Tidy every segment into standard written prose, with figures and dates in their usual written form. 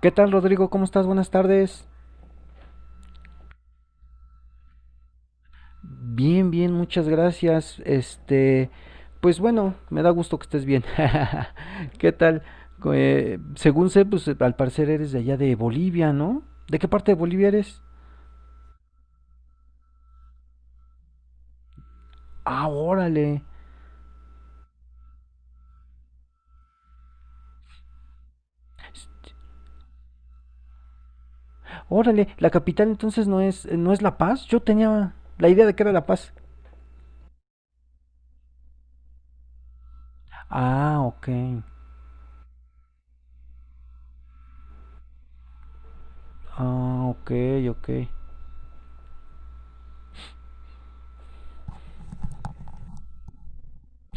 ¿Qué tal, Rodrigo? ¿Cómo estás? Buenas tardes. Bien, bien, muchas gracias. Pues bueno, me da gusto que estés bien. ¿Qué tal? Según sé, pues al parecer eres de allá de Bolivia, ¿no? ¿De qué parte de Bolivia eres? Ah, órale. S- Órale, la capital entonces no es La Paz. Yo tenía la idea de que era La Paz. Ah, ok. Ah, ok, ok.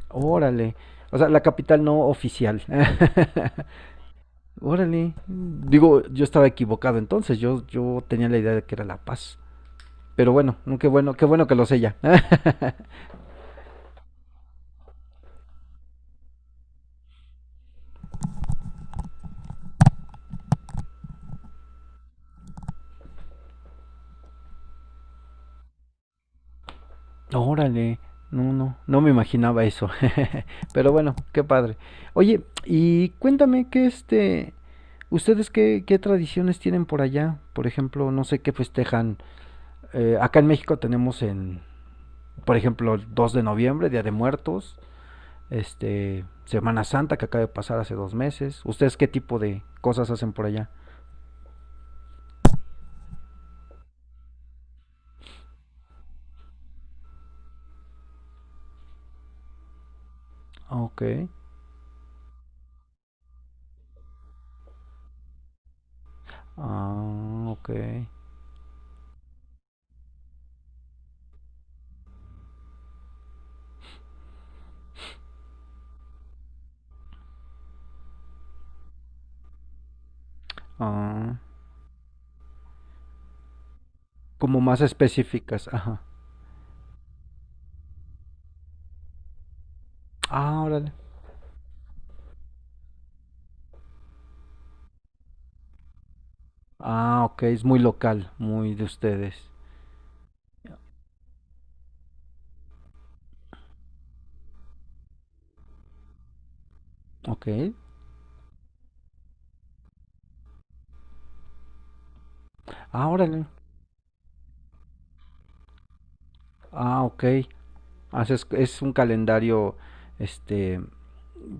Órale. O sea, la capital no oficial. Órale. Digo, yo estaba equivocado entonces, yo tenía la idea de que era La Paz. Pero bueno, no, qué bueno que lo sé ya. Órale. No, no, no me imaginaba eso. Pero bueno, qué padre. Oye, y cuéntame que ustedes qué, qué tradiciones tienen por allá. Por ejemplo, no sé qué festejan. Acá en México tenemos en, por ejemplo, el 2 de noviembre, Día de Muertos, Semana Santa que acaba de pasar hace 2 meses. ¿Ustedes qué tipo de cosas hacen por allá? Ah, ok, ah, ok, ah, como más específicas, ajá. Ah, órale. Ah, ok, es muy local, muy de ustedes. Ok, ah, órale. Ah, ok. Haces, es un calendario, este,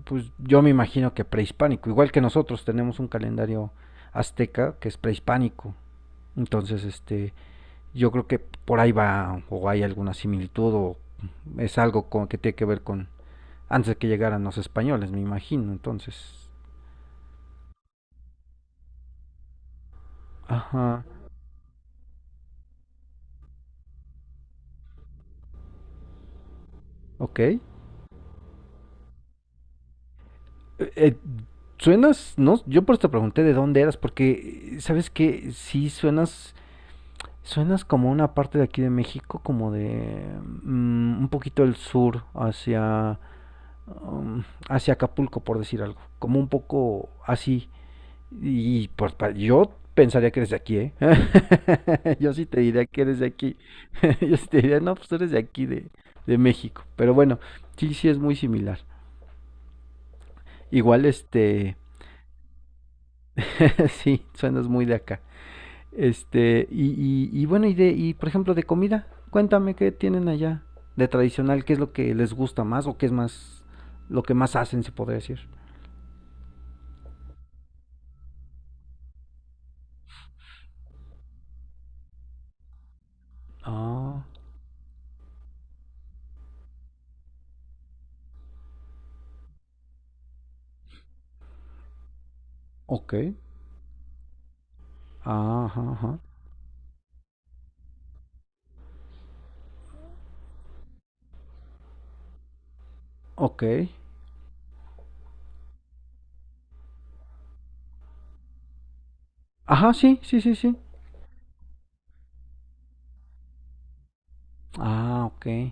pues yo me imagino que prehispánico, igual que nosotros tenemos un calendario azteca que es prehispánico. Entonces, yo creo que por ahí va o hay alguna similitud o es algo con, que tiene que ver con antes de que llegaran los españoles, me imagino. Entonces, ajá, ok. Eh, suenas, no, yo por eso te pregunté de dónde eras, porque sabes que sí suenas, suenas como una parte de aquí de México, como de un poquito del sur hacia um, hacia Acapulco, por decir algo, como un poco así. Y pues yo pensaría que eres de aquí, ¿eh? Yo sí te diría que eres de aquí. Yo sí te diría, no, pues tú eres de aquí, de México. Pero bueno, sí, sí es muy similar. Igual, sí, suenas muy de acá. Y bueno, y por ejemplo, de comida, cuéntame qué tienen allá de tradicional, qué es lo que les gusta más o qué es más, lo que más hacen, se podría decir. Ah, ok. Ajá, ajá. Ok. Ajá, sí, sí, sí, sí. Ah, ok.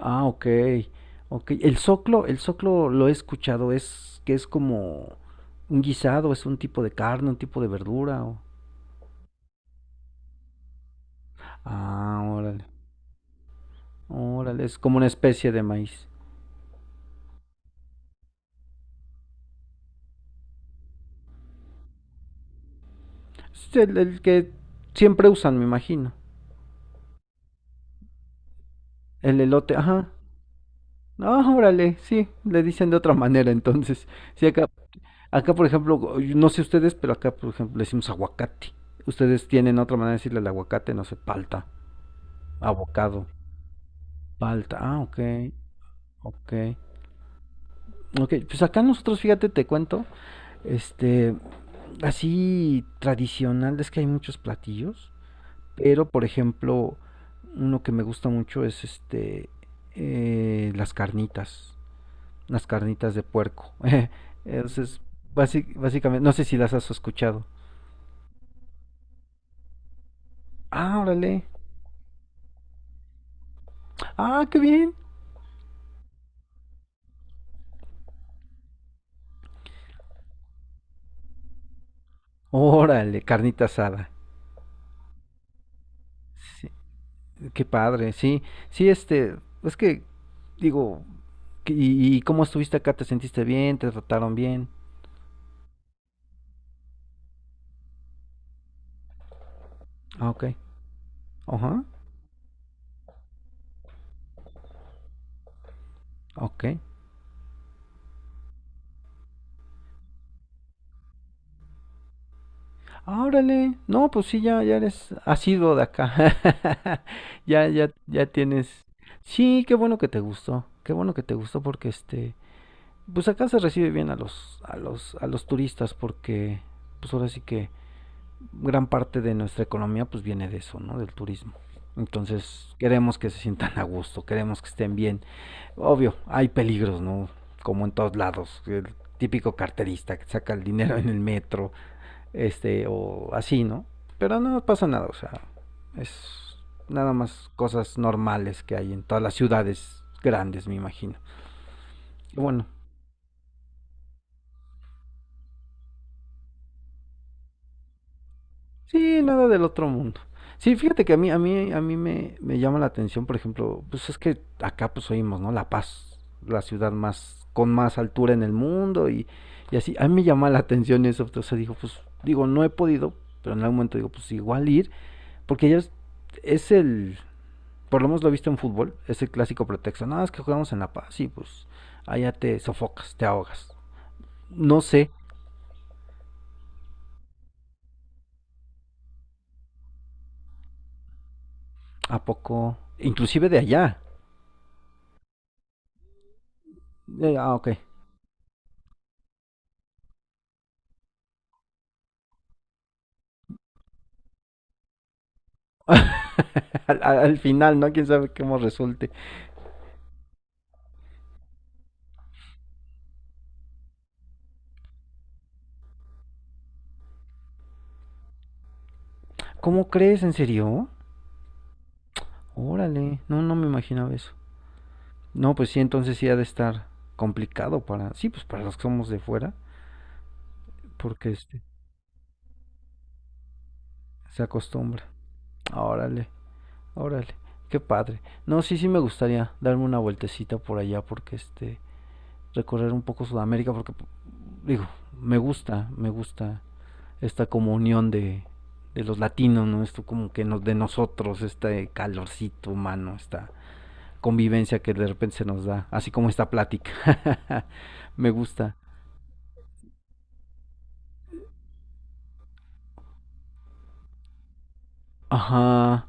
Ah, ok. Ok. El soclo lo he escuchado, es que es como un guisado, es un tipo de carne, un tipo de verdura. Ah, órale. Órale, es como una especie de maíz. Es el que siempre usan, me imagino. El elote, ajá. Ah, órale, sí, le dicen de otra manera entonces. Sí, acá por ejemplo, yo no sé ustedes, pero acá por ejemplo le decimos aguacate. Ustedes tienen otra manera de decirle al aguacate, no sé, palta, abocado. Palta, ah, ok, ok. Ok, pues acá nosotros, fíjate, te cuento, este, así tradicional, es que hay muchos platillos, pero por ejemplo, uno que me gusta mucho es eh, las carnitas, las carnitas de puerco. Entonces, básicamente, no sé si las has escuchado. Ah, órale, ah, qué bien, órale, carnita asada. Sí, qué padre, sí, sí, es que, digo, ¿y, y cómo estuviste acá? ¿Te sentiste bien? ¿Te trataron bien? Ah, ok. Ajá. Ok. Ah, órale. No, pues sí, ya, ya eres asiduo de acá. Ya, ya, ya tienes. Sí, qué bueno que te gustó. Qué bueno que te gustó porque pues acá se recibe bien a los, a los, a los turistas porque, pues ahora sí que gran parte de nuestra economía pues viene de eso, ¿no? Del turismo. Entonces queremos que se sientan a gusto, queremos que estén bien. Obvio, hay peligros, ¿no? Como en todos lados, el típico carterista que saca el dinero en el metro, o así, ¿no? Pero no pasa nada, o sea, es nada más cosas normales que hay en todas las ciudades grandes, me imagino. Y bueno, sí, nada del otro mundo. Sí, fíjate que a mí me llama la atención, por ejemplo, pues es que acá pues oímos, ¿no? La Paz, la ciudad más, con más altura en el mundo y así. A mí me llama la atención eso, o sea, digo, pues, digo, no he podido, pero en algún momento digo, pues igual ir, porque ya es el, por lo menos lo he visto en fútbol, es el clásico pretexto, nada, es que jugamos en La Paz y pues allá te sofocas, te ahogas. No sé, ¿a poco? Inclusive de allá. Ah, ok. Al final, ¿no? Quién sabe cómo resulte. ¿Cómo crees? ¿En serio? Órale, no, no me imaginaba eso. No, pues sí, entonces sí ha de estar complicado para, sí, pues para los que somos de fuera, porque se acostumbra. Órale, órale, qué padre. No, sí, sí me gustaría darme una vueltecita por allá, porque recorrer un poco Sudamérica, porque, digo, me gusta esta como unión de los latinos, ¿no? Esto como que nos, de nosotros, este calorcito humano, esta convivencia que de repente se nos da, así como esta plática. Me gusta. Ajá,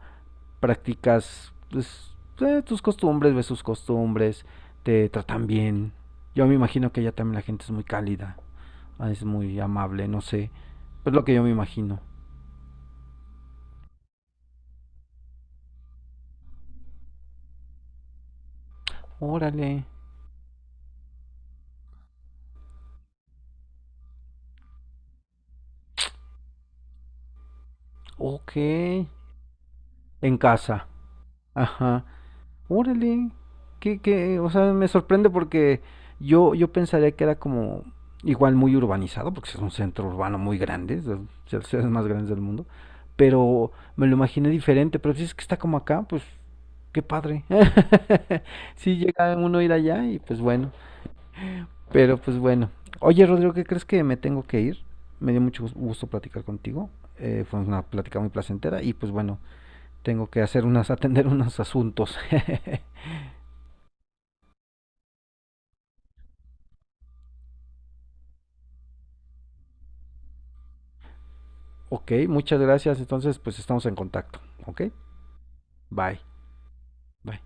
practicas pues, tus costumbres, ves sus costumbres, te tratan bien. Yo me imagino que allá también la gente es muy cálida, ah, es muy amable, no sé. Pues lo que yo me imagino. Órale, ok. En casa, ajá. Órale, o sea, me sorprende porque yo pensaría que era como igual muy urbanizado, porque es un centro urbano muy grande, es de los ciudades más grandes del mundo, pero me lo imaginé diferente, pero si es que está como acá, pues qué padre. Si llega uno a ir allá y pues bueno, pero pues bueno. Oye, Rodrigo, ¿qué crees que me tengo que ir? Me dio mucho gusto platicar contigo. Eh, fue una plática muy placentera y pues bueno, tengo que hacer unas, atender unos asuntos. Ok, muchas gracias. Entonces, pues estamos en contacto. Ok, bye. Bye.